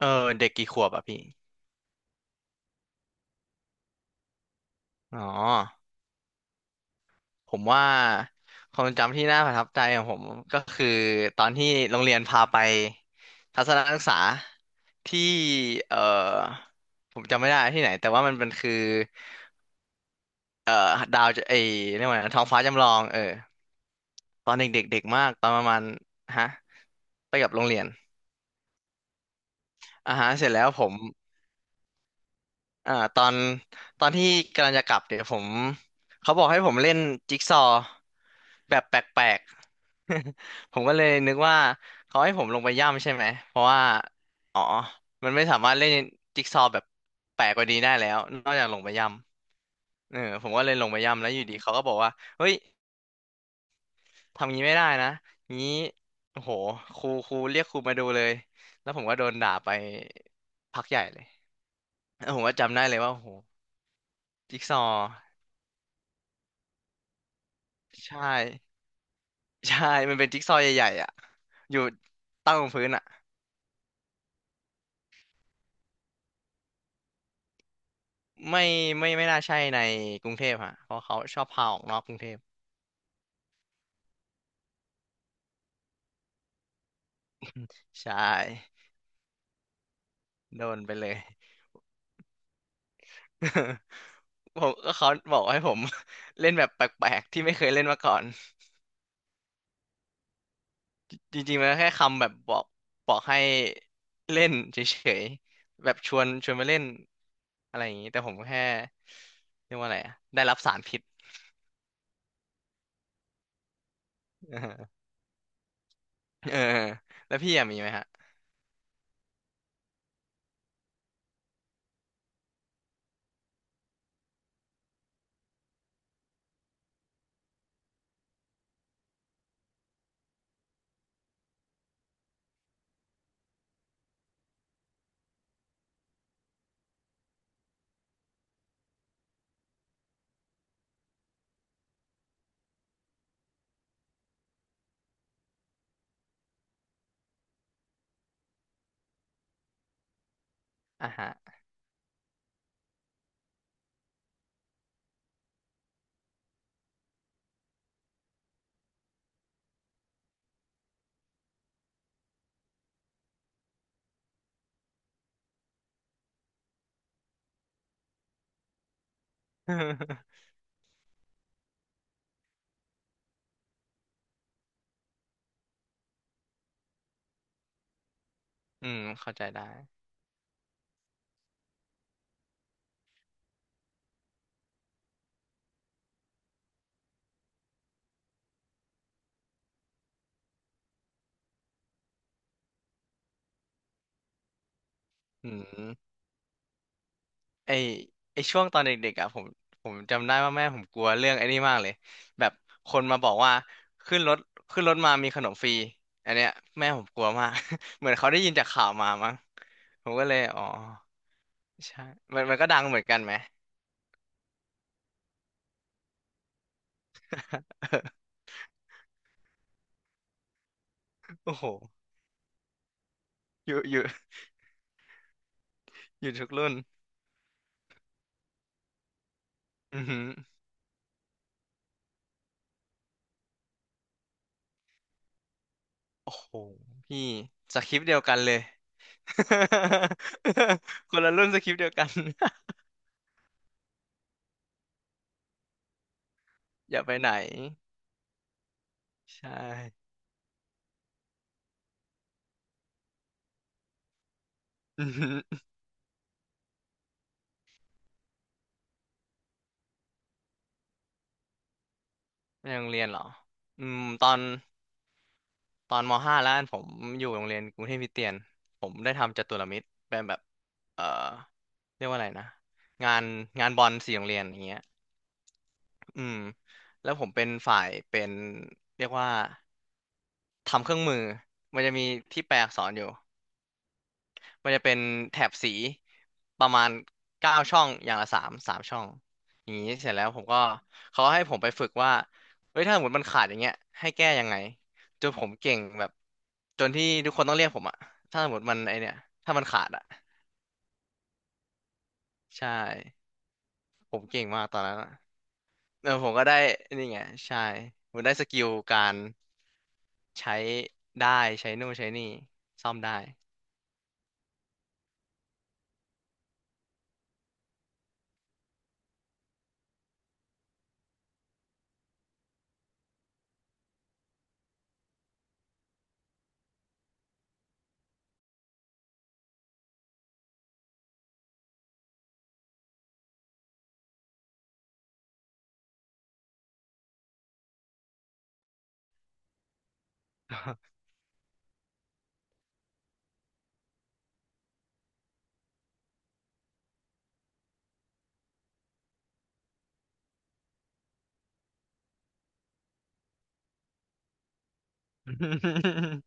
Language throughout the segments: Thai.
เออเด็กกี่ขวบอ่ะพี่อ๋อผมว่าความทรงจำที่น่าประทับใจของผมคือตอนที่โรงเรียนพาไปทัศนศึกษาที่เออผมจำไม่ได้ที่ไหนแต่ว่ามันเป็นคือเออดาวจะไอเรียกว่าไงนะท้องฟ้าจำลองเออตอนเด็กๆเด็กมากตอนประมาณฮะไปกับโรงเรียนอ่าฮะเสร็จแล้วผม อ่าตอนตอนที่กำลังจะกลับเนี่ยผมเขาบอกให้ผมเล่นจิ๊กซอว์แบบแปลกๆ ผมก็เลยนึกว่าเขาให้ผมลงไปย่ำใช่ไหมเพราะว่าอ๋อมันไม่สามารถเล่นจิ๊กซอว์แบบแปลกกว่านี้ได้แล้วนอกจากลงไปย่ำเออผมก็เลยลงไปย่ำแล้วอยู่ดีเขาก็บอกว่าเฮ้ยทำงี้ไม่ได้นะงี้โอ้โหครูเรียกครูมาดูเลยแล้วผมก็โดนด่าไปพักใหญ่เลยเออผมก็จำได้เลยว่าโอ้โหจิ๊กซอว์ ใช่ใช่ มันเป็นจิ๊กซอว์ใหญ่ๆอ่ะอยู่ตั้งบนพื้นอ่ะไม่ไม่ไม่น่าใช่ในกรุงเทพฮะเพราะเขาชอบพาออกนอกกรุงเทพใช่โดนไปเลย ผมก็เขาบอกให้ผม เล่นแบบแปลกๆที่ไม่เคยเล่นมาก่อนจริงๆมันแค่คำแบบบอกบอกให้เล่นเฉยๆแบบชวนมาเล่นอะไรอย่างนี้แต่ผมแค่เรียกว่าอะไรอะได้รับสารพิษ เออแล้วพี่อะมีไหมฮะอ่าฮะ อืมเข้าใจได้อืมไอไอช่วงตอนเด็กๆอ่ะผมจำได้ว่าแม่ผมกลัวเรื่องไอ้นี่มากเลยแบบคนมาบอกว่าขึ้นรถขึ้นรถมามีขนมฟรีอันเนี้ยแม่ผมกลัวมาก เหมือนเขาได้ยินจากข่าวมามั้งผมก็เลยอ๋อใช่มันก็ดังเหมือนกันไหม โอ้โหอยู่อยู่ทุกรุ่นอือหือโอ้โหพี่สคริปต์เดียวกันเลย คนละรุ่นสคริปต์เดียวกัน อย่าไปไหนใช่ ในโรงเรียนเหรออืมตอนตอนมห้าแล้วกันผมอยู่โรงเรียนกรุงเทพคริสเตียน ผมได้ทำจัตุรมิตรเป็นแบบเอ่อเรียกว่าอะไรนะ งานงานบอลสี่โรงเรียนอย่างเงี้ยอืมแล้วผมเป็นฝ่ายเป็นเรียกว่าทำเครื่องมือ มันจะมีที่แปลอักษรอยู่ มันจะเป็นแถบสีประมาณเก้าช่องอย่างละสามช่องอย่างนี้เสร็จแล้วผมก็เขาให้ผมไปฝึกว่าเฮ้ยถ้าสมมติมันขาดอย่างเงี้ยให้แก้ยังไงจนผมเก่งแบบจนที่ทุกคนต้องเรียกผมอะถ้าสมมติมันไอเนี่ยถ้ามันขาดอะใช่ผมเก่งมากตอนนั้นอะเออผมก็ได้นี่ไงใช่ผมได้สกิลการใช้ได้ใช้นู่นใช้นี่ซ่อมได้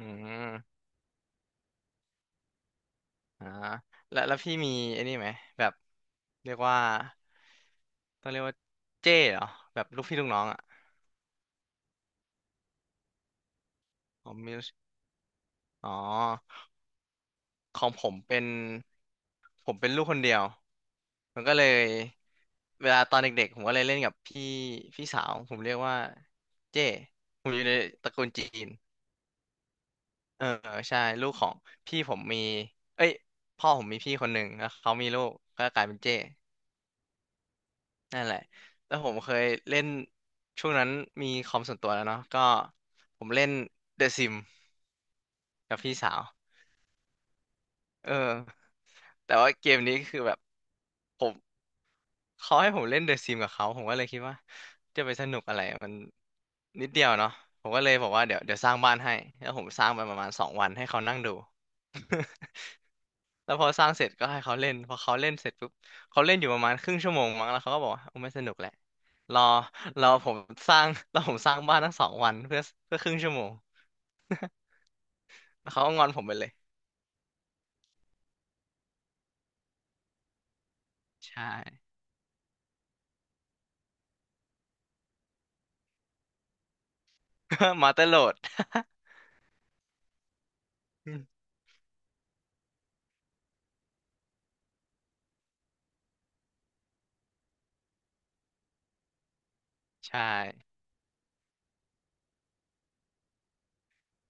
อืม อ่าแล้วพี่มีไอ้นี่ไหมแบบเรียกว่าต้องเรียกว่าเจ้เหรอแบบลูกพี่ลูกน้องอ่ะผมมีอ๋อของผมเป็นผมเป็นลูกคนเดียวมันก็เลยเวลาตอนเด็กๆผมก็เลยเล่นกับพี่สาวผมเรียกว่าเจ้ผมอยู่ในตระกูลจีนเออใช่ลูกของพี่ผมมีเอ้ยพ่อผมมีพี่คนหนึ่งแล้วเขามีลูกก็กลายเป็นเจ้ นั่นแหละ แล้วผมเคยเล่นช่วงนั้นมีคอมส่วนตัวแล้วเนาะก็ผมเล่น The Sim กับพี่สาวเออแต่ว่าเกมนี้คือแบบผมเขาให้ผมเล่น The Sim กับเขา ผมก็เลยคิดว่าจะไปสนุกอะไรมันนิดเดียวเนาะผมก็เลยบอกว่าเดี๋ยวสร้างบ้านให้ แล้วผมสร้างไปประมาณสองวันให้เขานั่งดู แล้วพอสร้างเสร็จก็ให้เขาเล่นพอเขาเล่นเสร็จปุ๊บเขาเล่นอยู่ประมาณครึ่งชั่วโมงมั้งแล้วเขาก็บอกว่าโอ้ไม่สนุกแหละรอรอผมสร้าง รอผมสร้างบ้านทั้งสองวันเพื่อเพื่อครึ่งชั่วโมงแล้วเขาก็งอนผมไปเลยใช่ มาเตอร์โหลด อืมใช่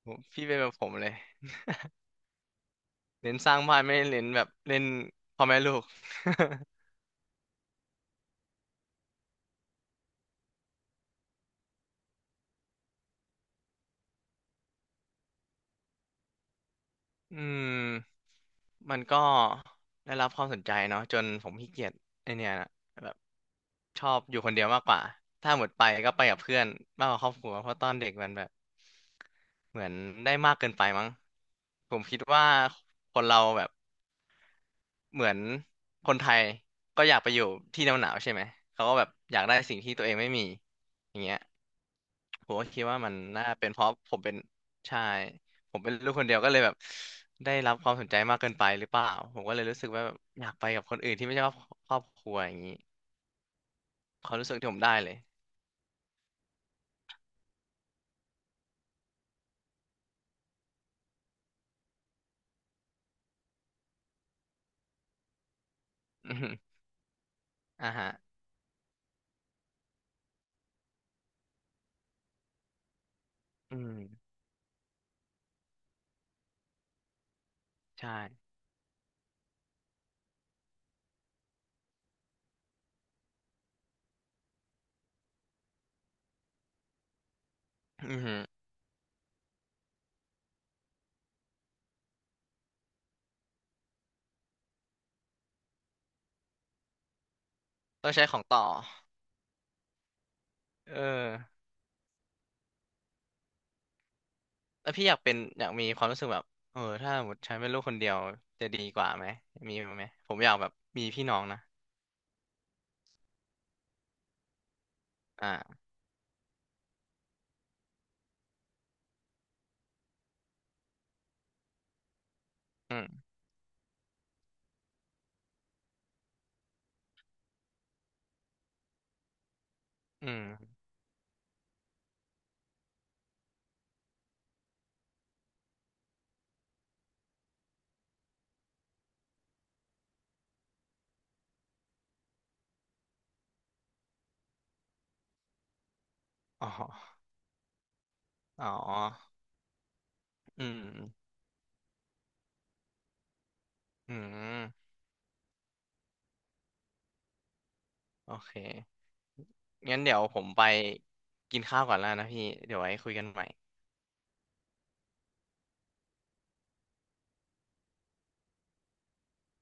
ผมพี่เป็นแบบผมเลยเน้นสร้างบ้านไม่ได้เน้นแบบเล่นพ่อแม่ลูก อืมมันก็ได้รับความสนใจเนาะจนผมขี้เกียจไอเนี่ยนะแบบชอบอยู่คนเดียวมากกว่าถ้าหมดไปก็ไปกับเพื่อนมากกว่าครอบครัวเพราะตอนเด็กมันแบบเหมือนได้มากเกินไปมั้งผมคิดว่าคนเราแบบ เหมือนคนไทยก็อยากไปอยู่ที่หนาวๆใช่ไหมเขาก็แบบอยากได้สิ่งที่ตัวเองไม่มีอย่างเงี้ยผมก็คิดว่ามันน่าเป็นเพราะผมเป็นใช่ผมเป็นลูกคนเดียวก็เลยแบบได้รับความสนใจมากเกินไปหรือเปล่าผมก็เลยรู้สึกว่าแบบอยากไปกับคนอื่นที่ไม่ใช่ครอบครัวอย่างนี้ความรู้สึกที่ผมได้เลย อือฮึอ่าฮะอืมใช่อือฮึต้องใช้ของต่อเออ แล้วพี่อยากเป็นอยากมีความรู้สึกแบบเออถ้าสมมติฉันเป็นลูกคนเดียวจะดีกว่าไหมมีไหมผมอยากแบบมีพี่น้องนะอ่าอืมอืมอ๋ออ๋ออืมอืมโอเคงั้นเดี๋ยวผมไปกินข้าวก่อนแล้วนะพี่เดี๋ยวไว้คุยกันใหม่